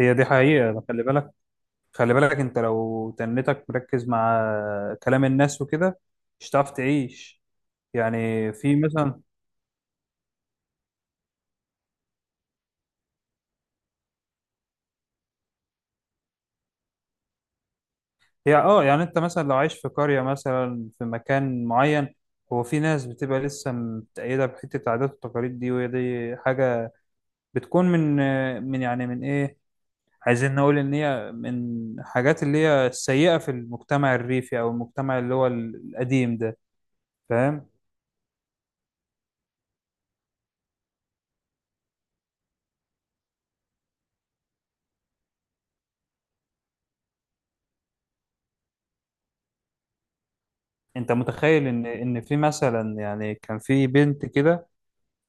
هي دي حقيقة. خلي بالك، خلي بالك، انت لو تنتك مركز مع كلام الناس وكده مش هتعرف تعيش. يعني في مثلا، هي يعني انت مثلا لو عايش في قرية، مثلا في مكان معين، هو في ناس بتبقى لسه متأيدة بحتة العادات والتقاليد دي. وهي دي حاجة بتكون من، يعني من ايه، عايزين نقول ان هي من حاجات اللي هي السيئة في المجتمع الريفي، او المجتمع اللي هو القديم ده، فاهم؟ انت متخيل ان في مثلا يعني كان في بنت كده،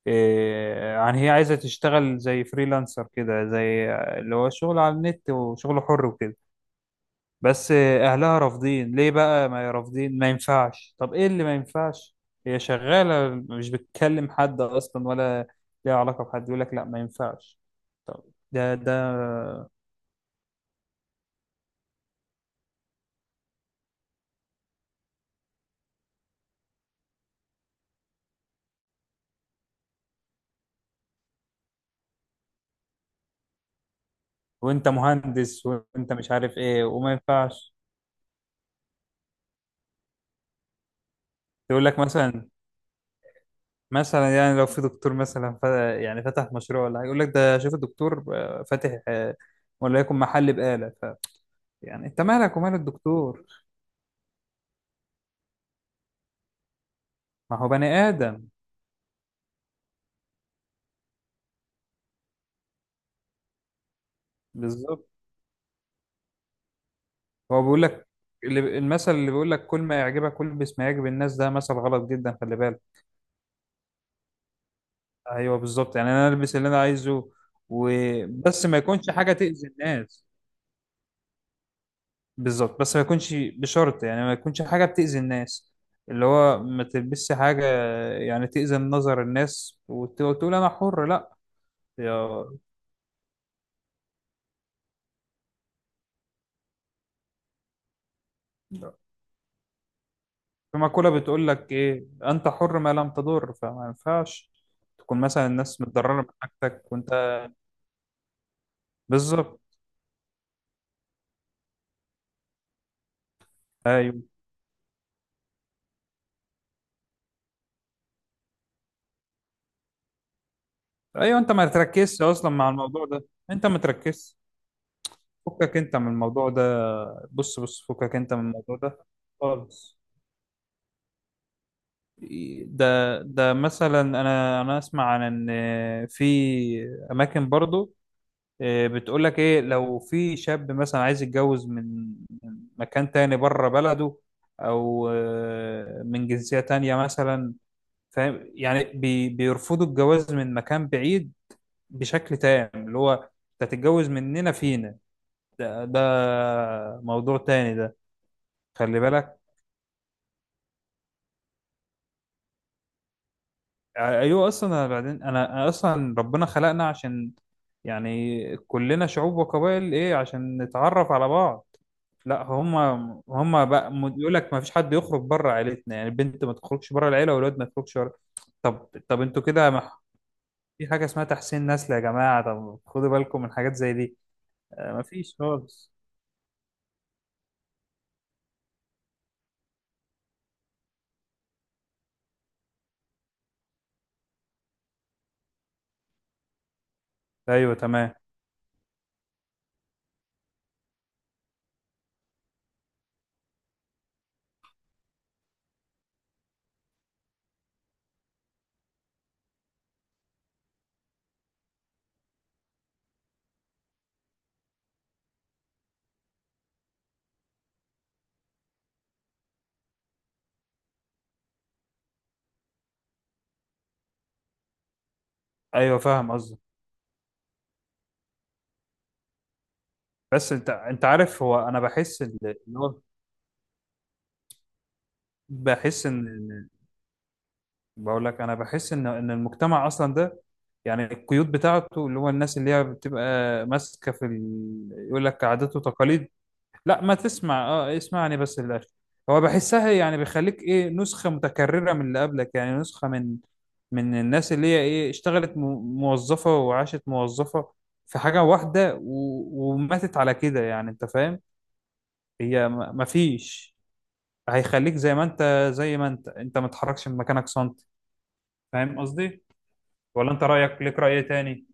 إيه، يعني هي عايزه تشتغل زي فريلانسر كده، زي اللي هو شغل على النت وشغل حر وكده. بس اهلها رافضين. ليه بقى؟ ما رافضين، ما ينفعش. طب ايه اللي ما ينفعش؟ هي شغاله، مش بتكلم حد اصلا، ولا ليها علاقه بحد يقول لك لا ما ينفعش. طب ده، وانت مهندس وانت مش عارف ايه وما ينفعش. يقول لك مثلا، يعني لو في دكتور مثلا، يعني فتح مشروع ولا حاجة، يقول لك ده شوف الدكتور فاتح، وليكن محل بقالة، يعني انت مالك ومال الدكتور؟ ما هو بني آدم. بالظبط. هو بيقول لك المثل اللي بيقول لك كل ما يعجبك البس ما يعجب الناس، ده مثل غلط جدا، خلي بالك. ايوه بالظبط، يعني انا البس اللي انا عايزه، وبس ما يكونش حاجة تأذي الناس. بالظبط، بس ما يكونش بشرط، يعني ما يكونش حاجة بتأذي الناس، اللي هو ما تلبسش حاجة يعني تأذي نظر الناس، وتقول أنا حر، لا يا. في مقولة بتقول لك إيه؟ أنت حر ما لم تضر. فما ينفعش تكون مثلا الناس متضررة من حاجتك وأنت. بالظبط. أيوه، أيوه. أنت ما تركزش أصلا مع الموضوع ده. أنت ما تركزش، فكك أنت من الموضوع ده. بص، بص، فكك أنت من الموضوع ده. خالص. ده ده مثلا، انا اسمع عن ان في اماكن برضو، بتقولك ايه؟ لو في شاب مثلا عايز يتجوز من مكان تاني بره بلده، او من جنسية تانية مثلا. فاهم؟ يعني بيرفضوا الجواز من مكان بعيد بشكل تام، اللي هو انت تتجوز مننا فينا. ده موضوع تاني ده. خلي بالك. ايوه اصلا. أنا بعدين انا اصلا ربنا خلقنا عشان، يعني كلنا شعوب وقبائل، ايه، عشان نتعرف على بعض. لا، هم بقى يقول لك ما فيش حد يخرج بره عيلتنا، يعني البنت ما تخرجش بره العيله، والولد ما يخرجش بره. طب طب انتوا كده في حاجه اسمها تحسين نسل يا جماعه. طب خدوا بالكم من حاجات زي دي. ما فيش خالص. ايوه تمام. ايوه، فاهم قصدي. بس انت عارف، هو انا بحس ان هو بحس ان. بقول لك انا بحس ان المجتمع اصلا ده، يعني القيود بتاعته اللي هو الناس اللي هي بتبقى ماسكه في يقول لك عادات وتقاليد. لا، ما تسمع، اسمعني بس للاخر. هو بحسها يعني بيخليك ايه نسخه متكرره من اللي قبلك، يعني نسخه من الناس اللي هي ايه اشتغلت موظفه، وعاشت موظفه في حاجه واحده وماتت على كده. يعني انت فاهم. هي ما فيش، هيخليك زي ما انت انت ما تتحركش من مكانك سنتي. فاهم قصدي؟ ولا انت رايك ليك راي تاني؟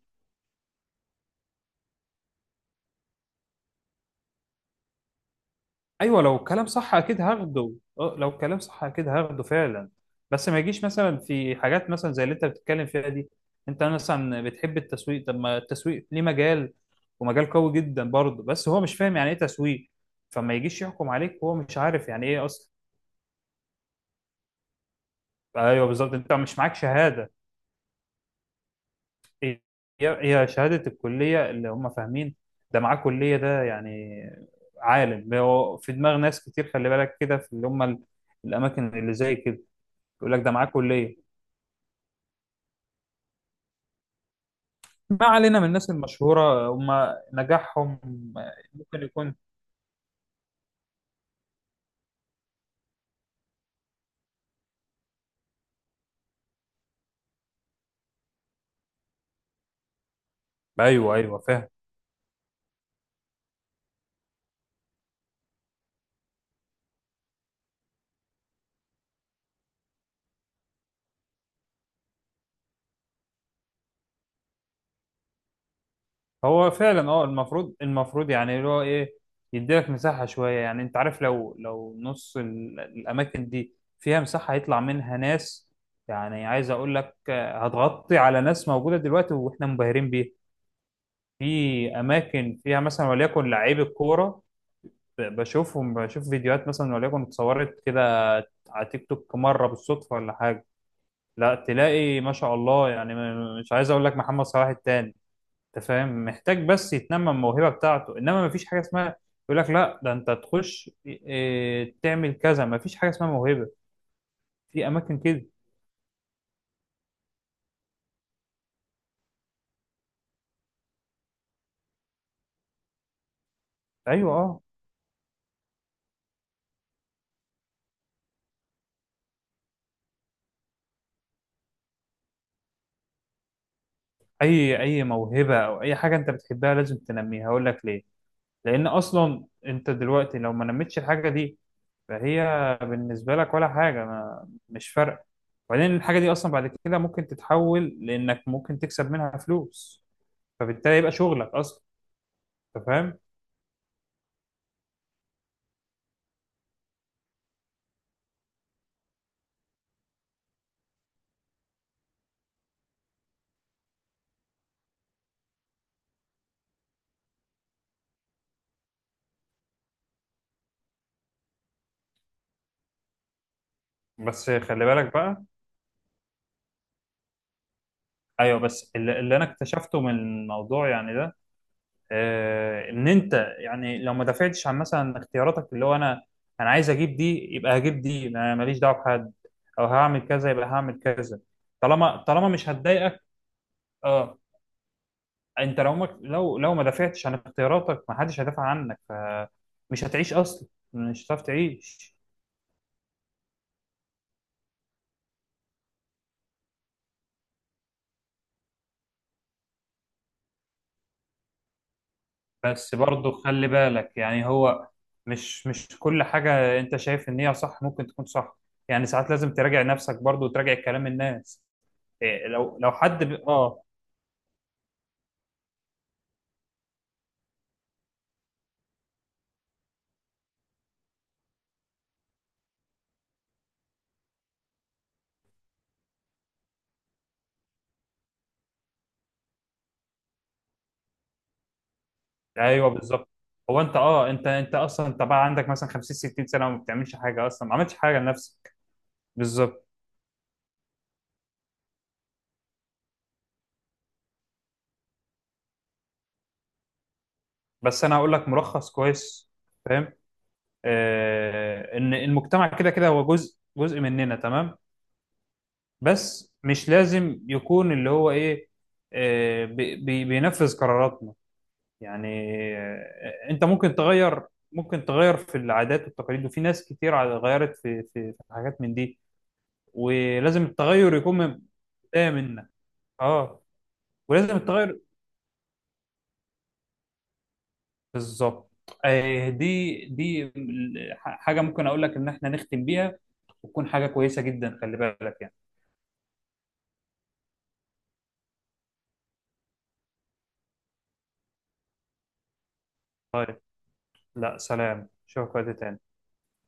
ايوه، لو الكلام صح اكيد هاخده. اه لو الكلام صح اكيد هاخده فعلا. بس ما يجيش مثلا في حاجات مثلا زي اللي انت بتتكلم فيها دي. انت مثلا بتحب التسويق، طب ما التسويق ليه مجال، ومجال قوي جدا برضه. بس هو مش فاهم يعني ايه تسويق. فما يجيش يحكم عليك وهو مش عارف يعني ايه اصلا. ايوه بالظبط، انت مش معاك شهاده. هي هي شهادة الكلية اللي هم فاهمين، ده معاه كلية، ده يعني عالم. هو في دماغ ناس كتير خلي بالك كده، في اللي هم الأماكن اللي زي كده. يقول لك ده معاه كلية. ما علينا من الناس المشهورة، هم نجاحهم ممكن يكون. أيوه، أيوه فاهم. هو فعلا، المفروض يعني اللي هو ايه، يديلك مساحة شوية. يعني انت عارف، لو نص الأماكن دي فيها مساحة هيطلع منها ناس. يعني عايز أقول لك، هتغطي على ناس موجودة دلوقتي وإحنا مبهرين بيها. في أماكن فيها مثلا وليكن لعيب الكورة، بشوف فيديوهات مثلا وليكن اتصورت كده على تيك توك مرة بالصدفة ولا حاجة، لا تلاقي ما شاء الله. يعني مش عايز أقول لك محمد صلاح التاني. انت فاهم، محتاج بس يتنمى الموهبه بتاعته، انما مفيش حاجه اسمها، يقول لك لا ده انت تخش إيه، تعمل كذا. مفيش حاجه اسمها موهبه في اماكن كده. ايوه. اه اي موهبه او اي حاجه انت بتحبها لازم تنميها، هقول لك ليه. لان اصلا انت دلوقتي لو ما نميتش الحاجه دي فهي بالنسبه لك ولا حاجه، ما مش فارقه. وبعدين الحاجه دي اصلا بعد كده ممكن تتحول، لانك ممكن تكسب منها فلوس، فبالتالي يبقى شغلك اصلا. انت فاهم؟ بس خلي بالك بقى. ايوه، بس اللي انا اكتشفته من الموضوع يعني ده، ان انت، يعني لو ما دافعتش عن مثلا اختياراتك، اللي هو انا، عايز اجيب دي يبقى هجيب دي، ماليش دعوه بحد. او هعمل كذا يبقى هعمل كذا، طالما مش هتضايقك. اه، انت لو ما دافعتش عن اختياراتك، ما حدش هيدافع عنك، فمش هتعيش اصلا. مش هتعرف تعيش. بس برضه خلي بالك، يعني هو مش كل حاجة انت شايف ان هي صح ممكن تكون صح. يعني ساعات لازم تراجع نفسك برضه وتراجع كلام الناس. إيه، لو حد ب... اه ايوه بالظبط. هو انت، انت اصلا، انت بقى عندك مثلا 50 60 سنة وما بتعملش حاجة اصلا، ما عملتش حاجة لنفسك. بالظبط. بس انا هقول لك ملخص كويس، فاهم؟ ان المجتمع كده كده هو جزء جزء مننا تمام. بس مش لازم يكون اللي هو ايه، بينفذ قراراتنا، يعني انت ممكن تغير. في العادات والتقاليد وفي ناس كتير غيرت في حاجات من دي. ولازم التغير يكون من بداية منك. اه ولازم التغير. بالظبط. دي حاجة ممكن اقول لك ان احنا نختم بيها، وتكون حاجة كويسة جدا، خلي بالك يعني. لا، سلام، شكرا.